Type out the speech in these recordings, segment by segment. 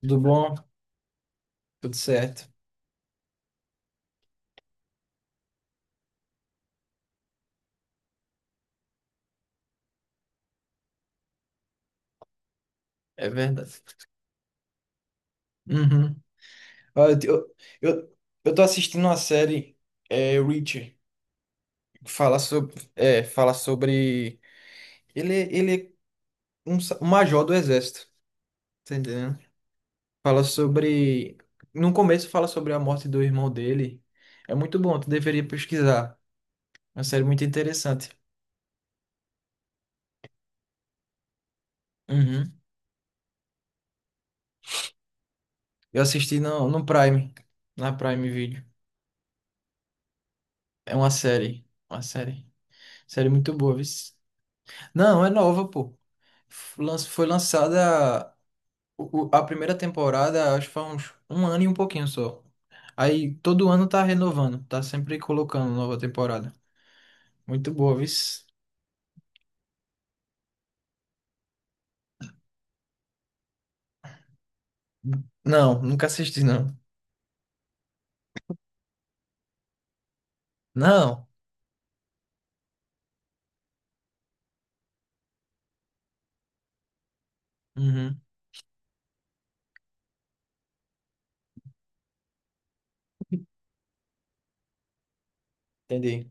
Tudo bom? Tudo certo. É verdade. Uhum. Olha, eu, eu eu tô assistindo uma série, Reacher, que fala sobre, Ele é um, um major do exército, tá entendendo? Fala sobre... No começo fala sobre a morte do irmão dele. É muito bom, tu deveria pesquisar. É uma série muito interessante. Uhum. Eu assisti no Prime, na Prime Video. É uma série, uma série. Série muito boa, viu? Não, é nova, pô. Foi lançada a primeira temporada, acho que foi uns um ano e um pouquinho só. Aí todo ano tá renovando, tá sempre colocando nova temporada. Muito boa, viu? Não, nunca assisti, não. Não. Uhum, entendi.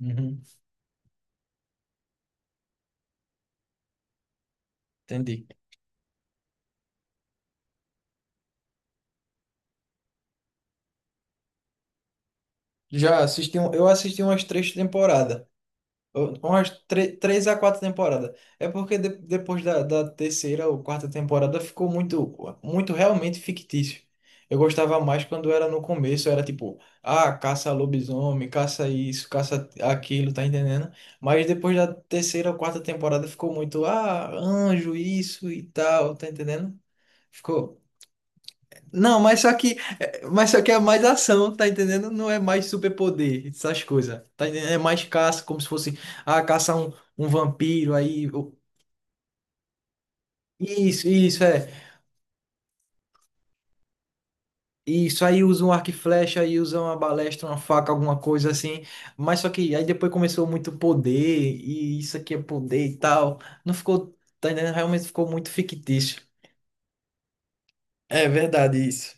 Uhum, entendi. Já assisti, eu assisti umas três temporadas. Umas três a quatro temporadas. É porque depois da terceira ou quarta temporada ficou muito, muito realmente fictício. Eu gostava mais quando era no começo, era tipo, ah, caça lobisomem, caça isso, caça aquilo, tá entendendo? Mas depois da terceira ou quarta temporada ficou muito, ah, anjo, isso e tal, tá entendendo? Ficou. Não, mas só que, é, mas só que é mais ação, tá entendendo? Não é mais superpoder, essas coisas. Tá entendendo? É mais caça, como se fosse, ah, caçar um, um vampiro, aí. Isso, isso, é. Isso, aí usa um arco e flecha, aí usa uma balestra, uma faca, alguma coisa assim. Mas só que aí depois começou muito poder, e isso aqui é poder e tal. Não ficou, tá entendendo? Realmente ficou muito fictício. É verdade isso.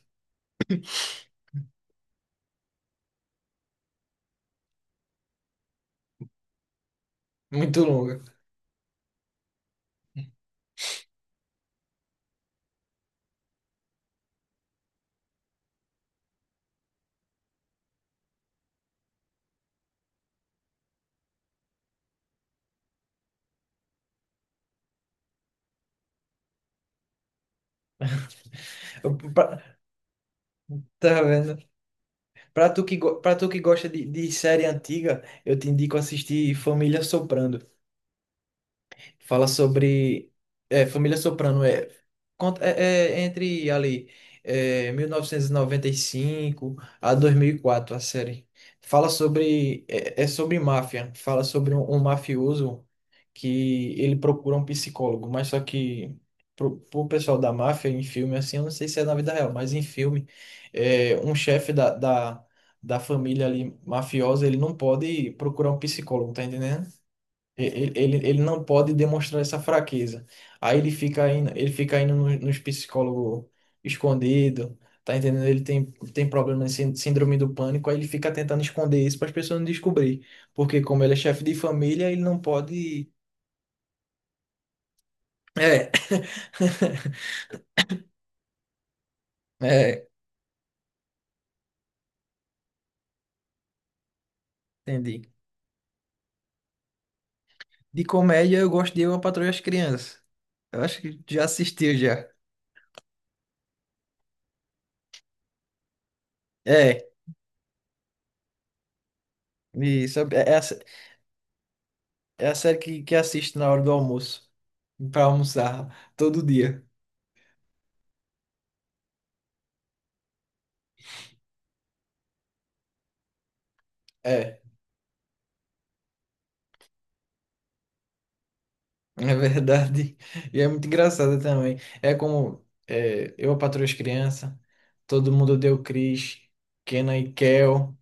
Muito longa. Eu- pa- Tá vendo? Para tu que gosta de série antiga, eu te indico assistir Família Soprano. Fala sobre é, Família Soprano é, é, é entre ali é, 1995 a 2004 a série. Fala sobre é, é sobre máfia. Fala sobre um, um mafioso que ele procura um psicólogo, mas só que pro pessoal da máfia em filme assim, eu não sei se é na vida real, mas em filme é, um chefe da da família ali mafiosa, ele não pode procurar um psicólogo, tá entendendo? Ele não pode demonstrar essa fraqueza. Aí ele fica indo nos psicólogos escondido, tá entendendo? Ele tem, tem problema de síndrome do pânico, aí ele fica tentando esconder isso para as pessoas não descobrir. Porque como ele é chefe de família, ele não pode. É, é, entendi. De comédia, eu gosto de Eu, a Patroa e as Crianças. Eu acho que já assistiu já. É, isso. É, é a é a série que assisto na hora do almoço, para almoçar todo dia. É. É verdade. E é muito engraçado também. É como é, eu patroa as crianças, todo mundo deu Cris, Kenan e Kel.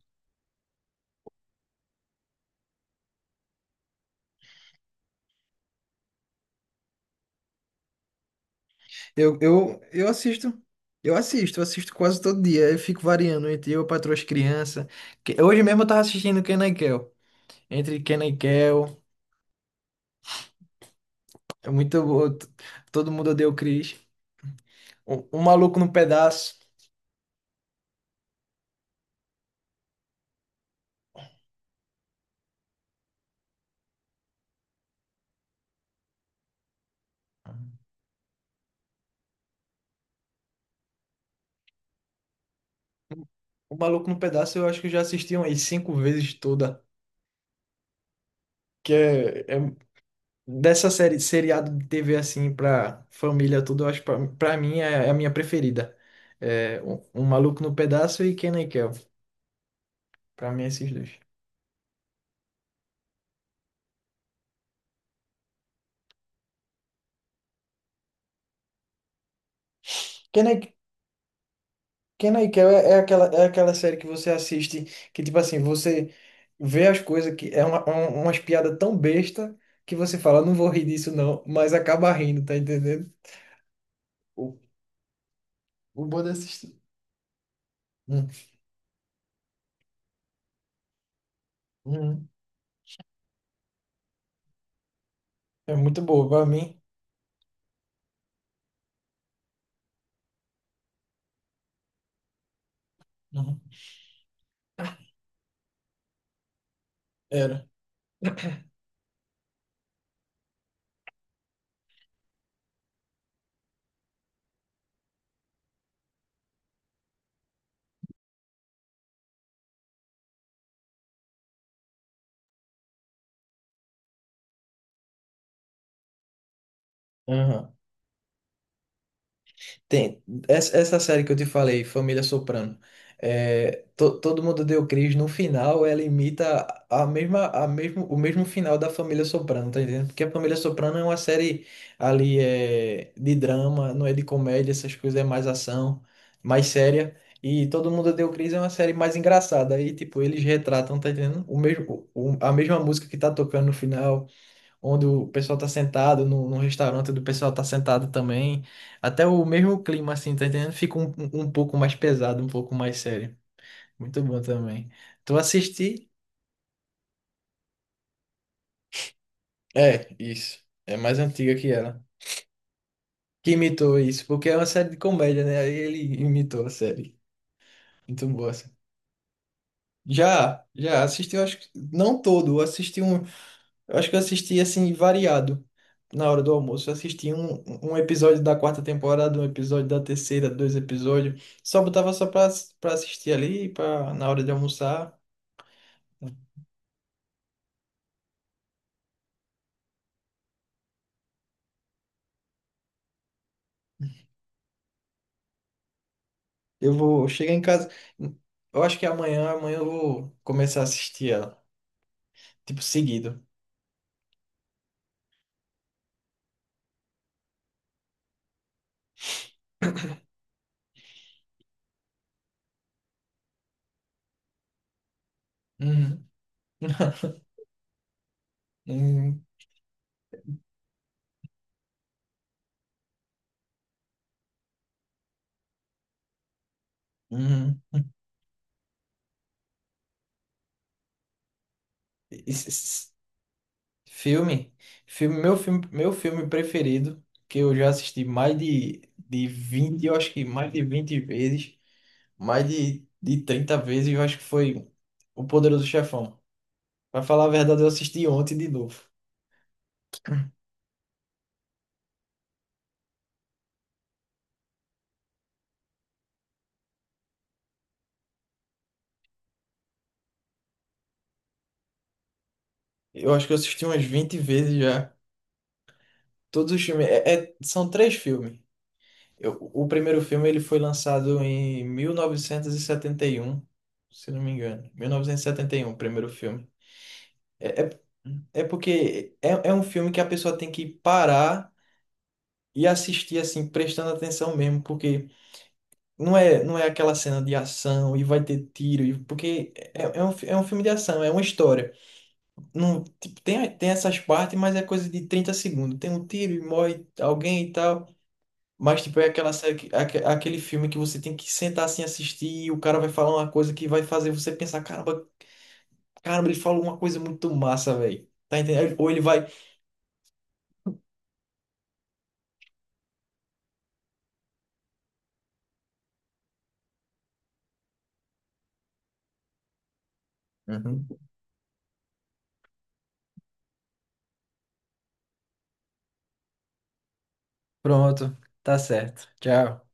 Eu assisto. Eu assisto, eu assisto quase todo dia. Eu fico variando entre eu patroa as crianças. Hoje mesmo eu tava assistindo Kenan e Kel. Entre Kenan e Kel, é muito bom. Todo mundo deu Cris. O Maluco no Pedaço. O Maluco no Pedaço eu acho que eu já assisti umas cinco vezes toda. Que é, é Dessa série, seriado de TV assim pra família tudo, eu acho pra, pra mim é, é a minha preferida. É, Um Maluco no Pedaço e Kenan e Kel. Pra mim, é esses dois. Kenan e Kenan e Kel é, é aquela série que você assiste que, tipo assim, você vê as coisas que é uma, umas piadas tão besta que você fala, não vou rir disso não, mas acaba rindo, tá entendendo? O, o bom dessa... Hum, hum. É muito boa, pra mim. Uhum. Era. Aham. Tem. Essa série que eu te falei, Família Soprano, é, todo mundo deu Cris, no final ela imita a mesma, a mesmo, o mesmo final da Família Soprano, tá entendendo? Porque a Família Soprano é uma série ali é, de drama, não é de comédia, essas coisas, é mais ação, mais séria. E Todo Mundo Deu Cris é uma série mais engraçada. Aí, tipo, eles retratam, tá entendendo? O mesmo, a mesma música que tá tocando no final onde o pessoal tá sentado, no, num restaurante onde o pessoal tá sentado também. Até o mesmo clima, assim, tá entendendo? Fica um, um pouco mais pesado, um pouco mais sério. Muito bom também. Tu assisti? É, isso. É mais antiga que ela. Que imitou isso, porque é uma série de comédia, né? Aí ele imitou a série. Muito boa. Assim. Já assisti, eu acho que não todo, eu assisti. Eu acho que eu assisti assim variado na hora do almoço. Eu assisti um, um episódio da quarta temporada, um episódio da terceira, dois episódios. Só botava só pra, pra assistir ali, pra, na hora de almoçar. Eu vou chegar em casa. Eu acho que amanhã eu vou começar a assistir ela. Tipo, seguido. Uhum. Uhum. Uhum. Esse- esse Filme, meu filme, meu filme preferido, que eu já assisti mais de 20 eu acho que mais de 20 vezes, mais de 30 vezes, eu acho que foi O Poderoso Chefão. Pra falar a verdade, eu assisti ontem de novo. Eu acho que eu assisti umas 20 vezes já. Todos os filmes. É, são três filmes. O primeiro filme ele foi lançado em mil novecentos e setenta e um se não me engano. 1971, o primeiro filme. É, é, é porque é um filme que a pessoa tem que parar e assistir, assim, prestando atenção mesmo, porque. Não é aquela cena de ação e vai ter tiro, porque é, é um, é um filme de ação, é uma história. Não, tipo, tem essas partes, mas é coisa de 30 segundos. Tem um tiro e morre alguém e tal. Mas, tipo, é aquela série, aquele filme que você tem que sentar assim assistir e o cara vai falar uma coisa que vai fazer você pensar, caramba, ele falou uma coisa muito massa, velho. Tá entendendo? Ou ele vai. Uhum. Pronto, tá certo. Tchau.